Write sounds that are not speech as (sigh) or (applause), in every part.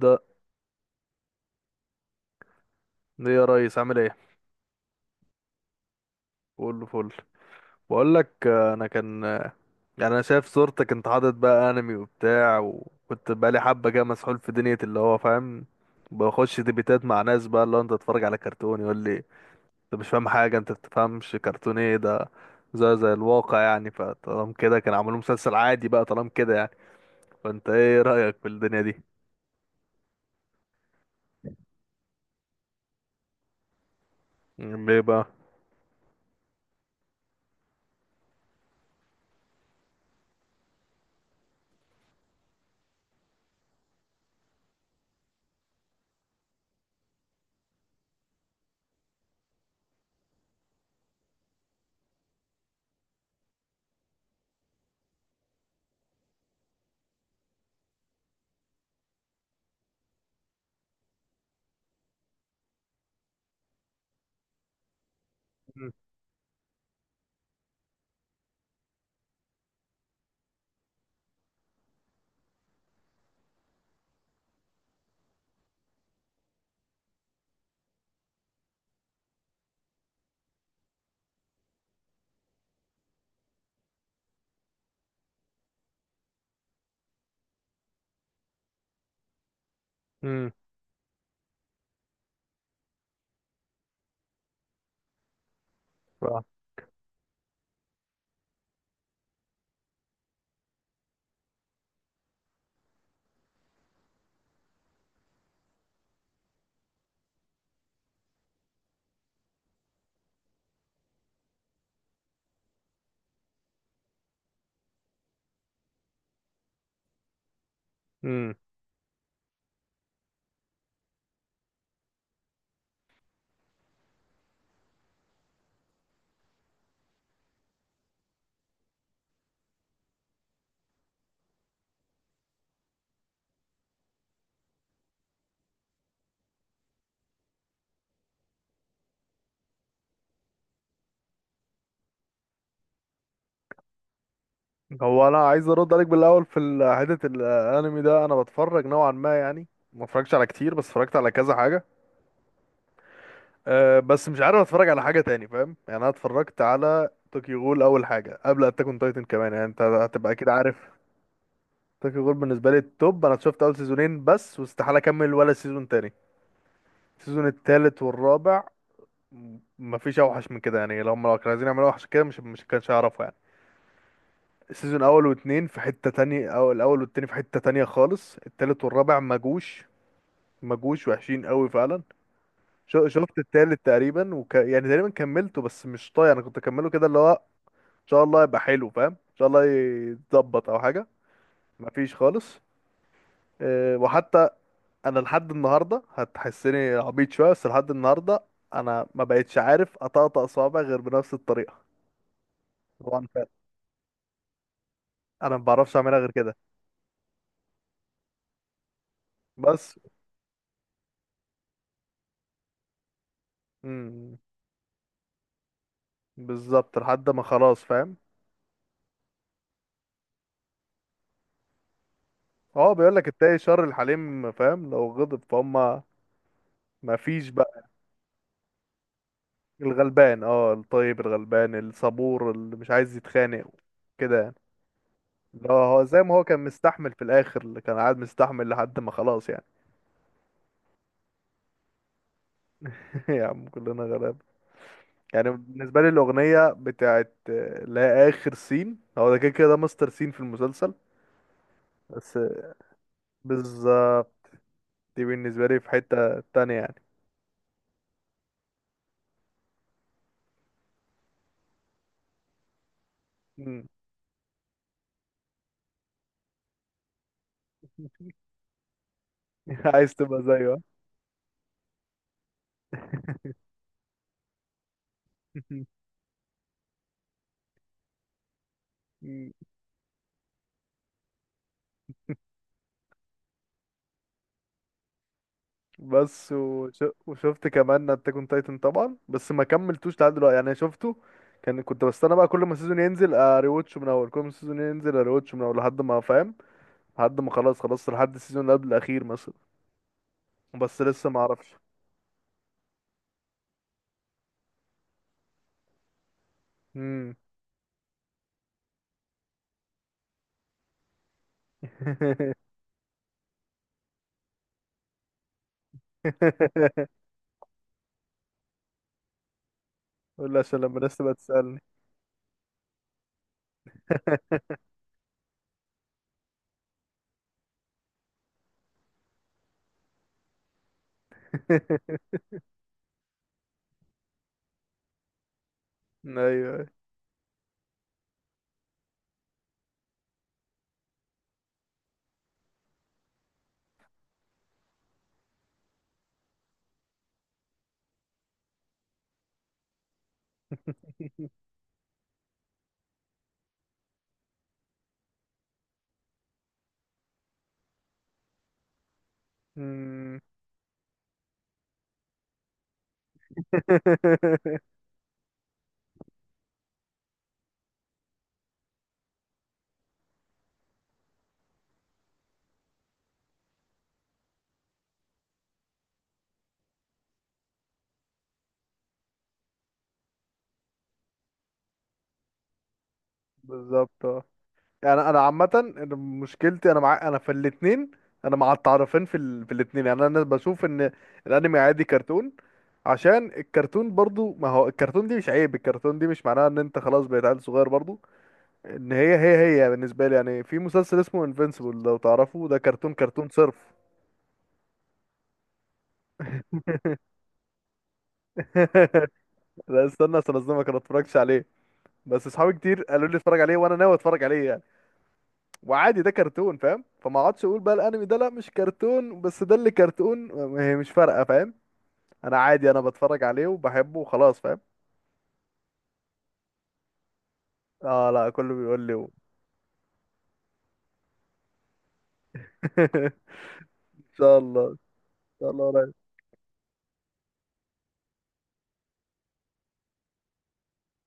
ده ليه يا ريس عامل ايه؟ كله فل. بقول لك انا كان يعني انا شايف صورتك انت حاطط بقى انمي وبتاع، وكنت بقى لي حبه كده مسحول في دنيا اللي هو فاهم. بخش ديبيتات مع ناس بقى اللي هو انت تتفرج على كرتون، يقول لي انت مش فاهم حاجه، انت بتفهمش كرتون ايه ده، زي الواقع يعني. فطالما كده كان عملوا مسلسل عادي بقى طالما كده يعني. فانت ايه رايك في الدنيا دي؟ ليه بقى؟ امم هو انا عايز ارد عليك بالاول في حته الانمي ده. انا بتفرج نوعا ما يعني، ما اتفرجتش على كتير بس اتفرجت على كذا حاجه. أه، بس مش عارف اتفرج على حاجه تاني فاهم يعني. انا اتفرجت على طوكيو غول اول حاجه، قبل اتاك اون تايتن كمان، يعني انت هتبقى اكيد عارف. طوكيو غول بالنسبه لي التوب. انا شفت اول سيزونين بس واستحاله اكمل ولا سيزون تاني، السيزون التالت والرابع. مفيش اوحش من كده يعني. لو هم لو كانوا عايزين يعملوا اوحش كده، مش كانش هيعرفوا يعني. سيزون اول واتنين في حتة تانية، او الاول والتاني في حتة تانية خالص، التالت والرابع مجوش وحشين قوي فعلا. شفت التالت تقريبا يعني تقريبا كملته، بس مش طايق. انا كنت اكمله كده اللي هو ان شاء الله يبقى حلو فاهم، ان شاء الله يتظبط او حاجة. مفيش خالص. أه، وحتى انا لحد النهاردة هتحسني عبيط شوية، بس لحد النهاردة انا ما بقتش عارف اطقطق صوابع غير بنفس الطريقة. طبعا انا ما بعرفش اعملها غير كده. بس. امم. بالظبط لحد ما خلاص فاهم. اه، بيقول لك التاي شر الحليم فاهم لو غضب فهم. ما فيش بقى. الغلبان، اه الطيب الغلبان الصبور اللي مش عايز يتخانق كده يعني. لا، هو زي ما هو كان مستحمل في الاخر، اللي كان قاعد مستحمل لحد ما خلاص يعني. (laughs) يا عم كلنا غلاب. يعني بالنسبه لي الاغنيه بتاعت لا، اخر سين، هو ده كده كده ده مستر سين في المسلسل. بس. بالظبط. دي بالنسبه لي في حته تانية يعني. مم. (laughs) عايز تبقى زيه؟ ها؟ (laughs) بس وشفت كمان اتاك اون تايتن طبعا، بس ما كملتوش لحد دلوقتي يعني. شفته، كان كنت بستنى بقى كل ما السيزون ينزل اريواتش من اول، كل ما السيزون ينزل اريواتش من اول لحد ما فاهم، لحد ما خلاص خلاص لحد السيزون اللي قبل الاخير مثلا. بس لسه ما اعرفش. امم. (laughs) قول لي عشان لما الناس تبقى تسالني. (laughs) ايوه. أيوة. مم. (laughs) بالظبط. انا عامه. أنا مشكلتي انا مع انا في الاثنين. انا مع التعرفين في في الاثنين يعني. انا بشوف ان الانمي عادي كرتون. عشان الكرتون برضو، ما هو الكرتون دي مش عيب، الكرتون دي مش معناها ان انت خلاص بقيت عيل صغير برضو. ان هي بالنسبه لي يعني في مسلسل اسمه انفينسيبل لو تعرفه، ده كرتون كرتون صرف. (laughs) لا استنى استنى، اصدمك، انا ما اتفرجتش عليه. بس اصحابي كتير قالوا لي اتفرج عليه وانا ناوي اتفرج عليه. وعادي، ده كرتون فاهم. فما اقعدش اقول بقى الانمي ده لا مش كرتون بس ده اللي كرتون. هي مش فارقه فاهم. انا عادي انا بتفرج عليه وبحبه وخلاص فاهم. اه لا، كله بيقول لي (laughs) ان شاء الله، ان شاء الله قريب.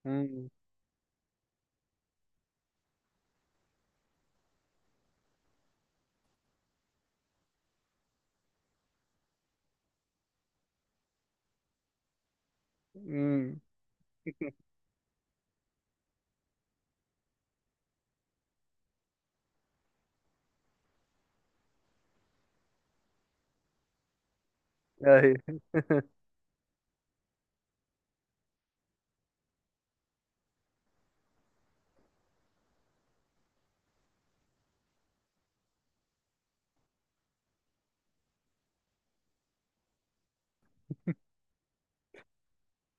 امم. امم. اهي.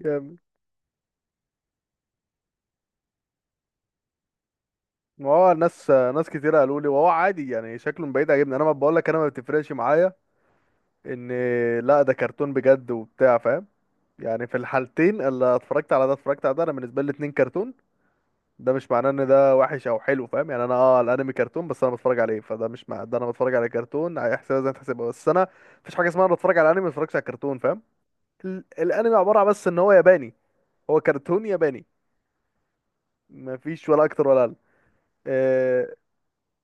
جامد. ما هو ناس كتير قالوا لي، وهو عادي يعني شكله من بعيد عاجبني. انا ما بقول لك انا ما بتفرقش معايا ان لا ده كرتون بجد وبتاع فاهم يعني. في الحالتين اللي اتفرجت على ده اتفرجت على ده، انا بالنسبه لي الاتنين كرتون. ده مش معناه ان ده وحش او حلو فاهم يعني. انا اه الانمي كرتون بس انا بتفرج عليه، فده مش مع ده. انا بتفرج على كرتون هيحسبها زي ما تحسبها. بس انا مفيش حاجه اسمها انا بتفرج على انمي ما بتفرجش على كرتون فاهم. الانمي عباره عن بس ان هو ياباني. هو كرتون ياباني، مفيش ولا اكتر ولا اقل. آه.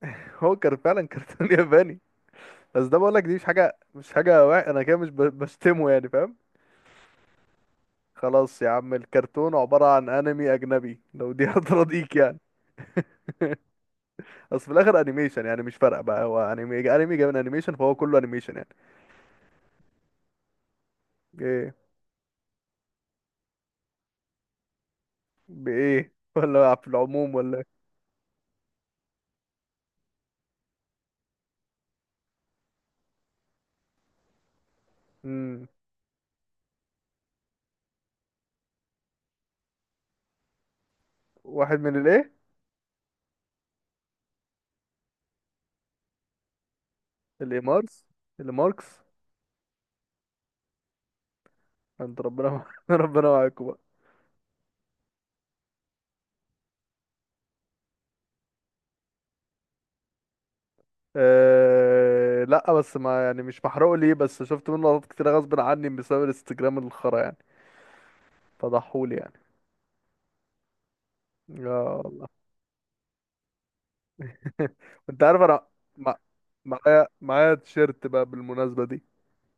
(laughs) هو كان فعلا كرتون (laughs) ياباني. بس ده بقول لك دي مش حاجه مش حاجه انا كده مش بشتمه يعني فاهم. خلاص يا عم الكرتون عباره عن انمي اجنبي لو دي (laughs) هترضيك يعني. بس في الاخر انيميشن يعني. مش فارقه بقى، هو انمي. انمي جاي من انيميشن فهو كله انيميشن يعني. ايه بايه (laughs) ولا في العموم ولا إيه؟ امم. واحد من الايه؟ الامارس. الماركس. انت ربنا (laughs) ربنا معاكم بقى. أه لا، بس ما يعني مش محروق ليه، بس شفت منه لقطات كتير غصب عني بسبب الانستجرام الخرا يعني. فضحولي يعني. يا الله. (laughs) انت عارف انا مع- معايا تيشيرت بقى بالمناسبة دي.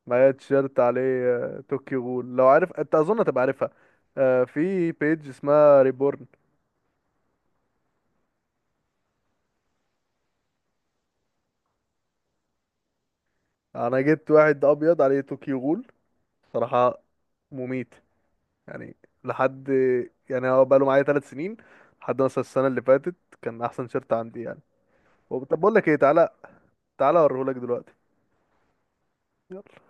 معايا تيشيرت عليه طوكيو غول، لو عارف انت اظن هتبقى عارفها. في بيج اسمها ريبورن. انا جبت واحد ابيض عليه طوكيو غول صراحه مميت يعني. لحد، يعني هو بقاله معايا 3 سنين لحد مثلا السنه اللي فاتت كان احسن شيرت عندي يعني. طب بقول لك ايه، تعالى. تعالى اوريهولك دلوقتي. يلا.